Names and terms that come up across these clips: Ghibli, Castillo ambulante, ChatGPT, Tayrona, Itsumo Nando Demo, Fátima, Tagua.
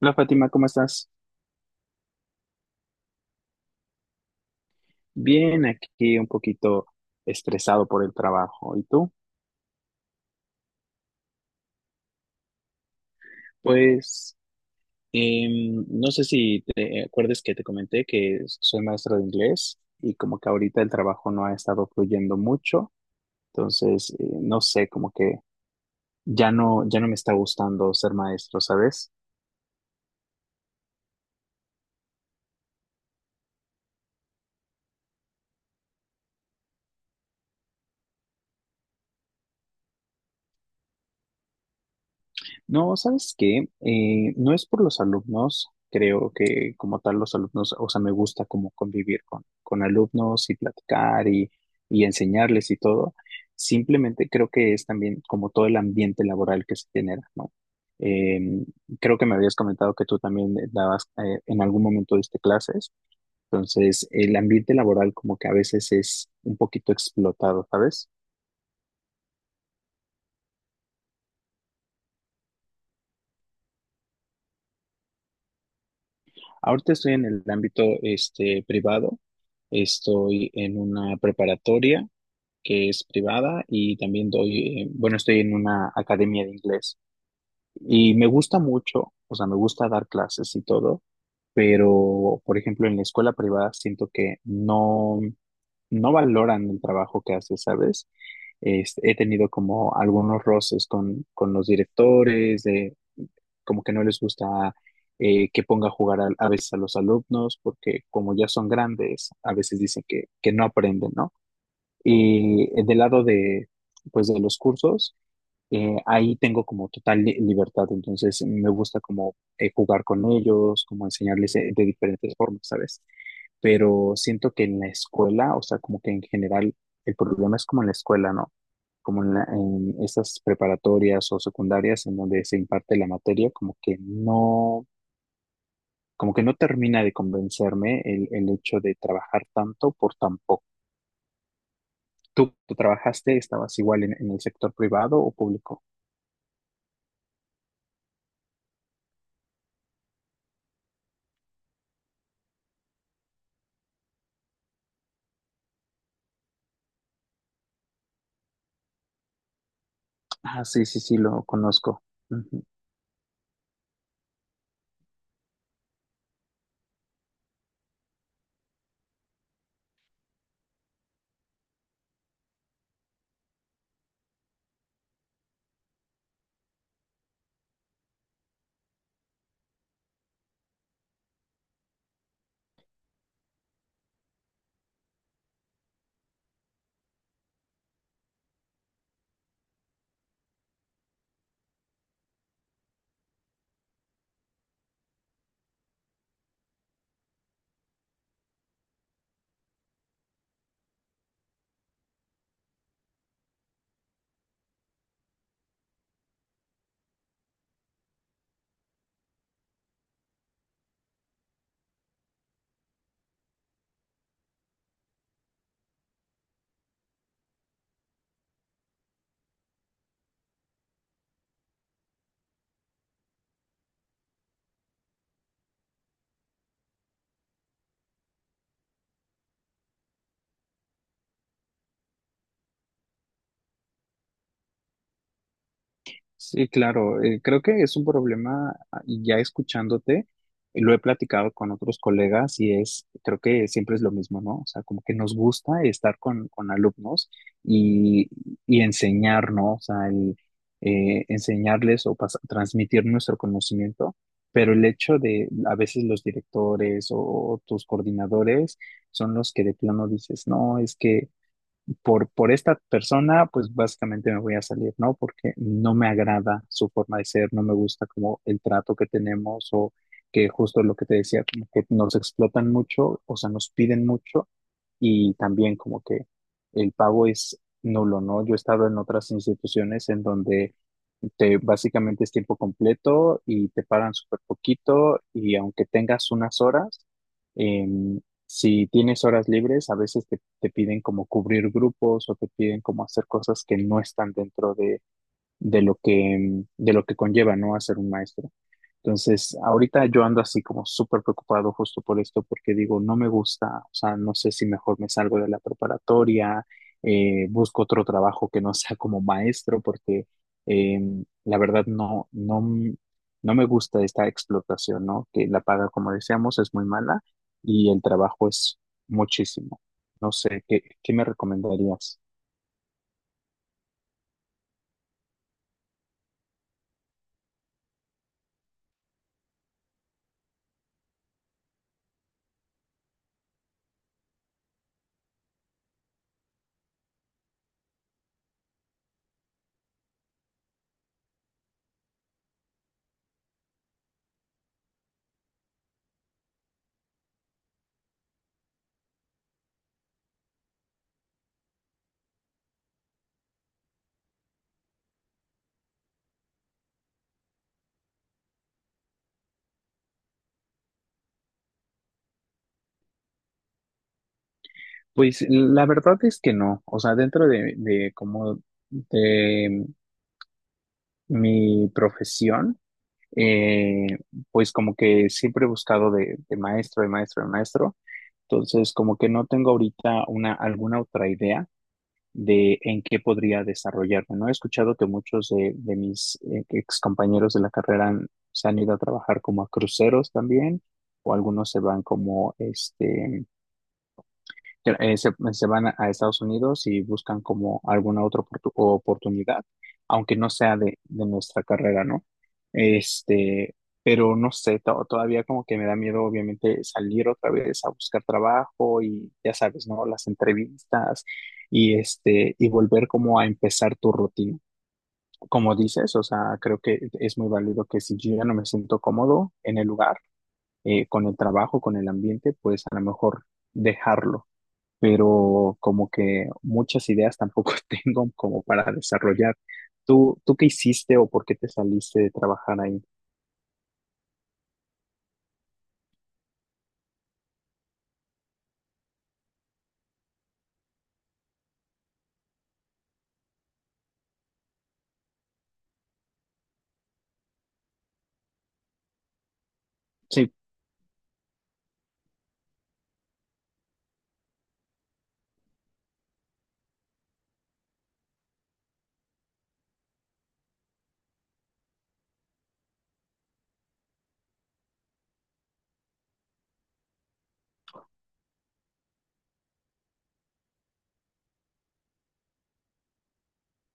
Hola Fátima, ¿cómo estás? Bien, aquí un poquito estresado por el trabajo. ¿Y tú? Pues no sé si te acuerdas que te comenté que soy maestra de inglés y como que ahorita el trabajo no ha estado fluyendo mucho, entonces no sé, como que ya no, ya no me está gustando ser maestro, ¿sabes? No, ¿sabes qué? No es por los alumnos, creo que como tal los alumnos, o sea, me gusta como convivir con alumnos y platicar y enseñarles y todo. Simplemente creo que es también como todo el ambiente laboral que se genera, ¿no? Eh, Creo que me habías comentado que tú también dabas, en algún momento diste clases, entonces el ambiente laboral como que a veces es un poquito explotado, ¿sabes? Ahorita estoy en el ámbito este, privado, estoy en una preparatoria que es privada y también doy, bueno, estoy en una academia de inglés y me gusta mucho, o sea, me gusta dar clases y todo, pero, por ejemplo, en la escuela privada siento que no valoran el trabajo que haces, ¿sabes? Este, he tenido como algunos roces con los directores como que no les gusta que ponga a jugar a veces a los alumnos, porque como ya son grandes, a veces dicen que no aprenden, ¿no? Y del lado de, pues, de los cursos, ahí tengo como total libertad, entonces me gusta como jugar con ellos, como enseñarles de diferentes formas, ¿sabes? Pero siento que en la escuela, o sea, como que en general, el problema es como en la escuela, ¿no? Como en, en estas preparatorias o secundarias en donde se imparte la materia, como que como que no termina de convencerme el hecho de trabajar tanto por tan poco. ¿Tú trabajaste, estabas igual en el sector privado o público? Ah, sí, sí, sí, lo conozco. Sí, claro, creo que es un problema, ah, y ya escuchándote, lo he platicado con otros colegas y es, creo que siempre es lo mismo, ¿no? O sea, como que nos gusta estar con alumnos y, y enseñar, ¿no? O sea, enseñarles o transmitir nuestro conocimiento, pero el hecho de a veces los directores o tus coordinadores son los que de plano dices, no, es que por esta persona, pues básicamente me voy a salir, ¿no? Porque no me agrada su forma de ser, no me gusta como el trato que tenemos o que justo lo que te decía, como que nos explotan mucho, o sea, nos piden mucho y también como que el pago es nulo, ¿no? Yo he estado en otras instituciones en donde te, básicamente es tiempo completo y te pagan súper poquito y aunque tengas unas horas, em, si tienes horas libres, a veces te, te piden como cubrir grupos o te piden como hacer cosas que no están dentro de lo que, de lo que conlleva, ¿no? Hacer un maestro. Entonces, ahorita yo ando así como súper preocupado justo por esto, porque digo, no me gusta, o sea, no sé si mejor me salgo de la preparatoria, busco otro trabajo que no sea como maestro, porque eh, la verdad no, no, no me gusta esta explotación, ¿no? Que la paga, como decíamos, es muy mala y el trabajo es muchísimo. No sé, ¿qué, qué me recomendarías? Pues la verdad es que no, o sea, dentro de como de mi profesión, eh, pues como que siempre he buscado de maestro, de maestro, de maestro. Entonces, como que no tengo ahorita una, alguna otra idea de en qué podría desarrollarme, ¿no? He escuchado que muchos de mis ex compañeros de la carrera se han ido a trabajar como a cruceros también, o algunos se van como, este, se van a Estados Unidos y buscan como alguna otra oportunidad, aunque no sea de nuestra carrera, ¿no? Este, pero no sé, todavía como que me da miedo, obviamente, salir otra vez a buscar trabajo y ya sabes, ¿no? Las entrevistas y este, y volver como a empezar tu rutina. Como dices, o sea, creo que es muy válido que si yo ya no me siento cómodo en el lugar, con el trabajo, con el ambiente, pues a lo mejor dejarlo pero como que muchas ideas tampoco tengo como para desarrollar. ¿Tú qué hiciste o por qué te saliste de trabajar ahí? Sí,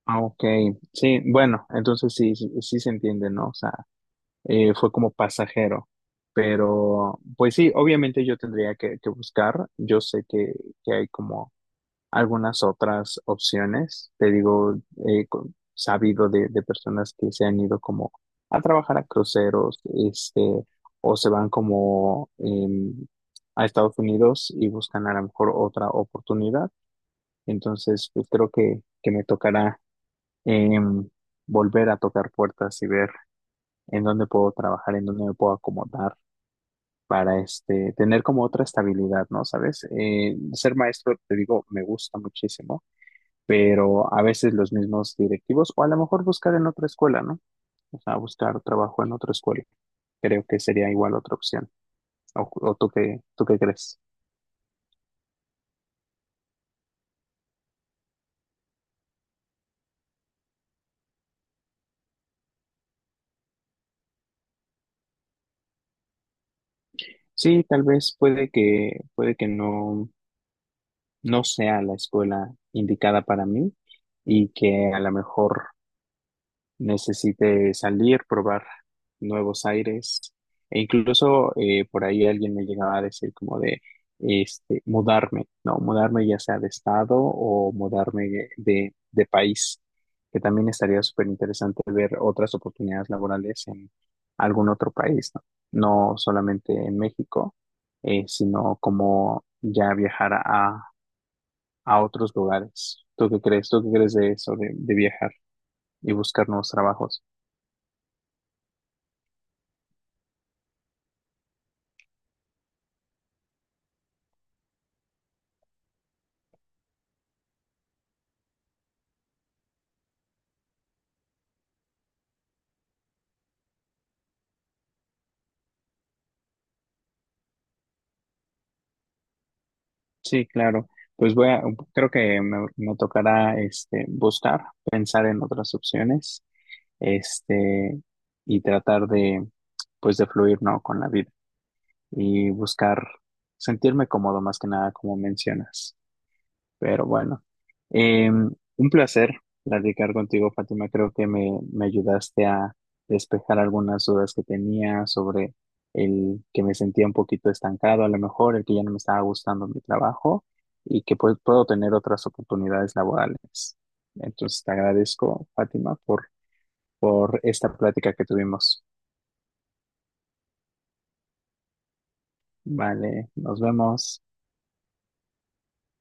ah, ok, sí, bueno, entonces sí, sí, sí se entiende, ¿no? O sea, fue como pasajero, pero pues sí, obviamente yo tendría que buscar, yo sé que hay como algunas otras opciones. Te digo, he co- sabido de personas que se han ido como a trabajar a cruceros, este, o se van como a Estados Unidos y buscan a lo mejor otra oportunidad. Entonces, pues creo que me tocará em, volver a tocar puertas y ver en dónde puedo trabajar, en dónde me puedo acomodar para este, tener como otra estabilidad, ¿no? ¿Sabes? Ser maestro, te digo, me gusta muchísimo pero a veces los mismos directivos, o a lo mejor buscar en otra escuela, ¿no? O sea, buscar trabajo en otra escuela. Creo que sería igual otra opción. O tú qué crees? Sí, tal vez puede que no, no sea la escuela indicada para mí y que a lo mejor necesite salir, probar nuevos aires. E incluso por ahí alguien me llegaba a decir como de este, mudarme, ¿no? Mudarme ya sea de estado o mudarme de, de país, que también estaría súper interesante ver otras oportunidades laborales en algún otro país, ¿no? No solamente en México, sino como ya viajar a otros lugares. ¿Tú qué crees? ¿Tú qué crees de eso, de viajar y buscar nuevos trabajos? Sí, claro. Pues voy a, creo que me tocará este buscar, pensar en otras opciones, este, y tratar de, pues de fluir, ¿no? Con la vida y buscar sentirme cómodo más que nada, como mencionas. Pero bueno, un placer platicar contigo, Fátima. Creo que me ayudaste a despejar algunas dudas que tenía sobre el que me sentía un poquito estancado, a lo mejor el que ya no me estaba gustando mi trabajo y que pues, puedo tener otras oportunidades laborales. Entonces te agradezco, Fátima, por esta plática que tuvimos. Vale, nos vemos.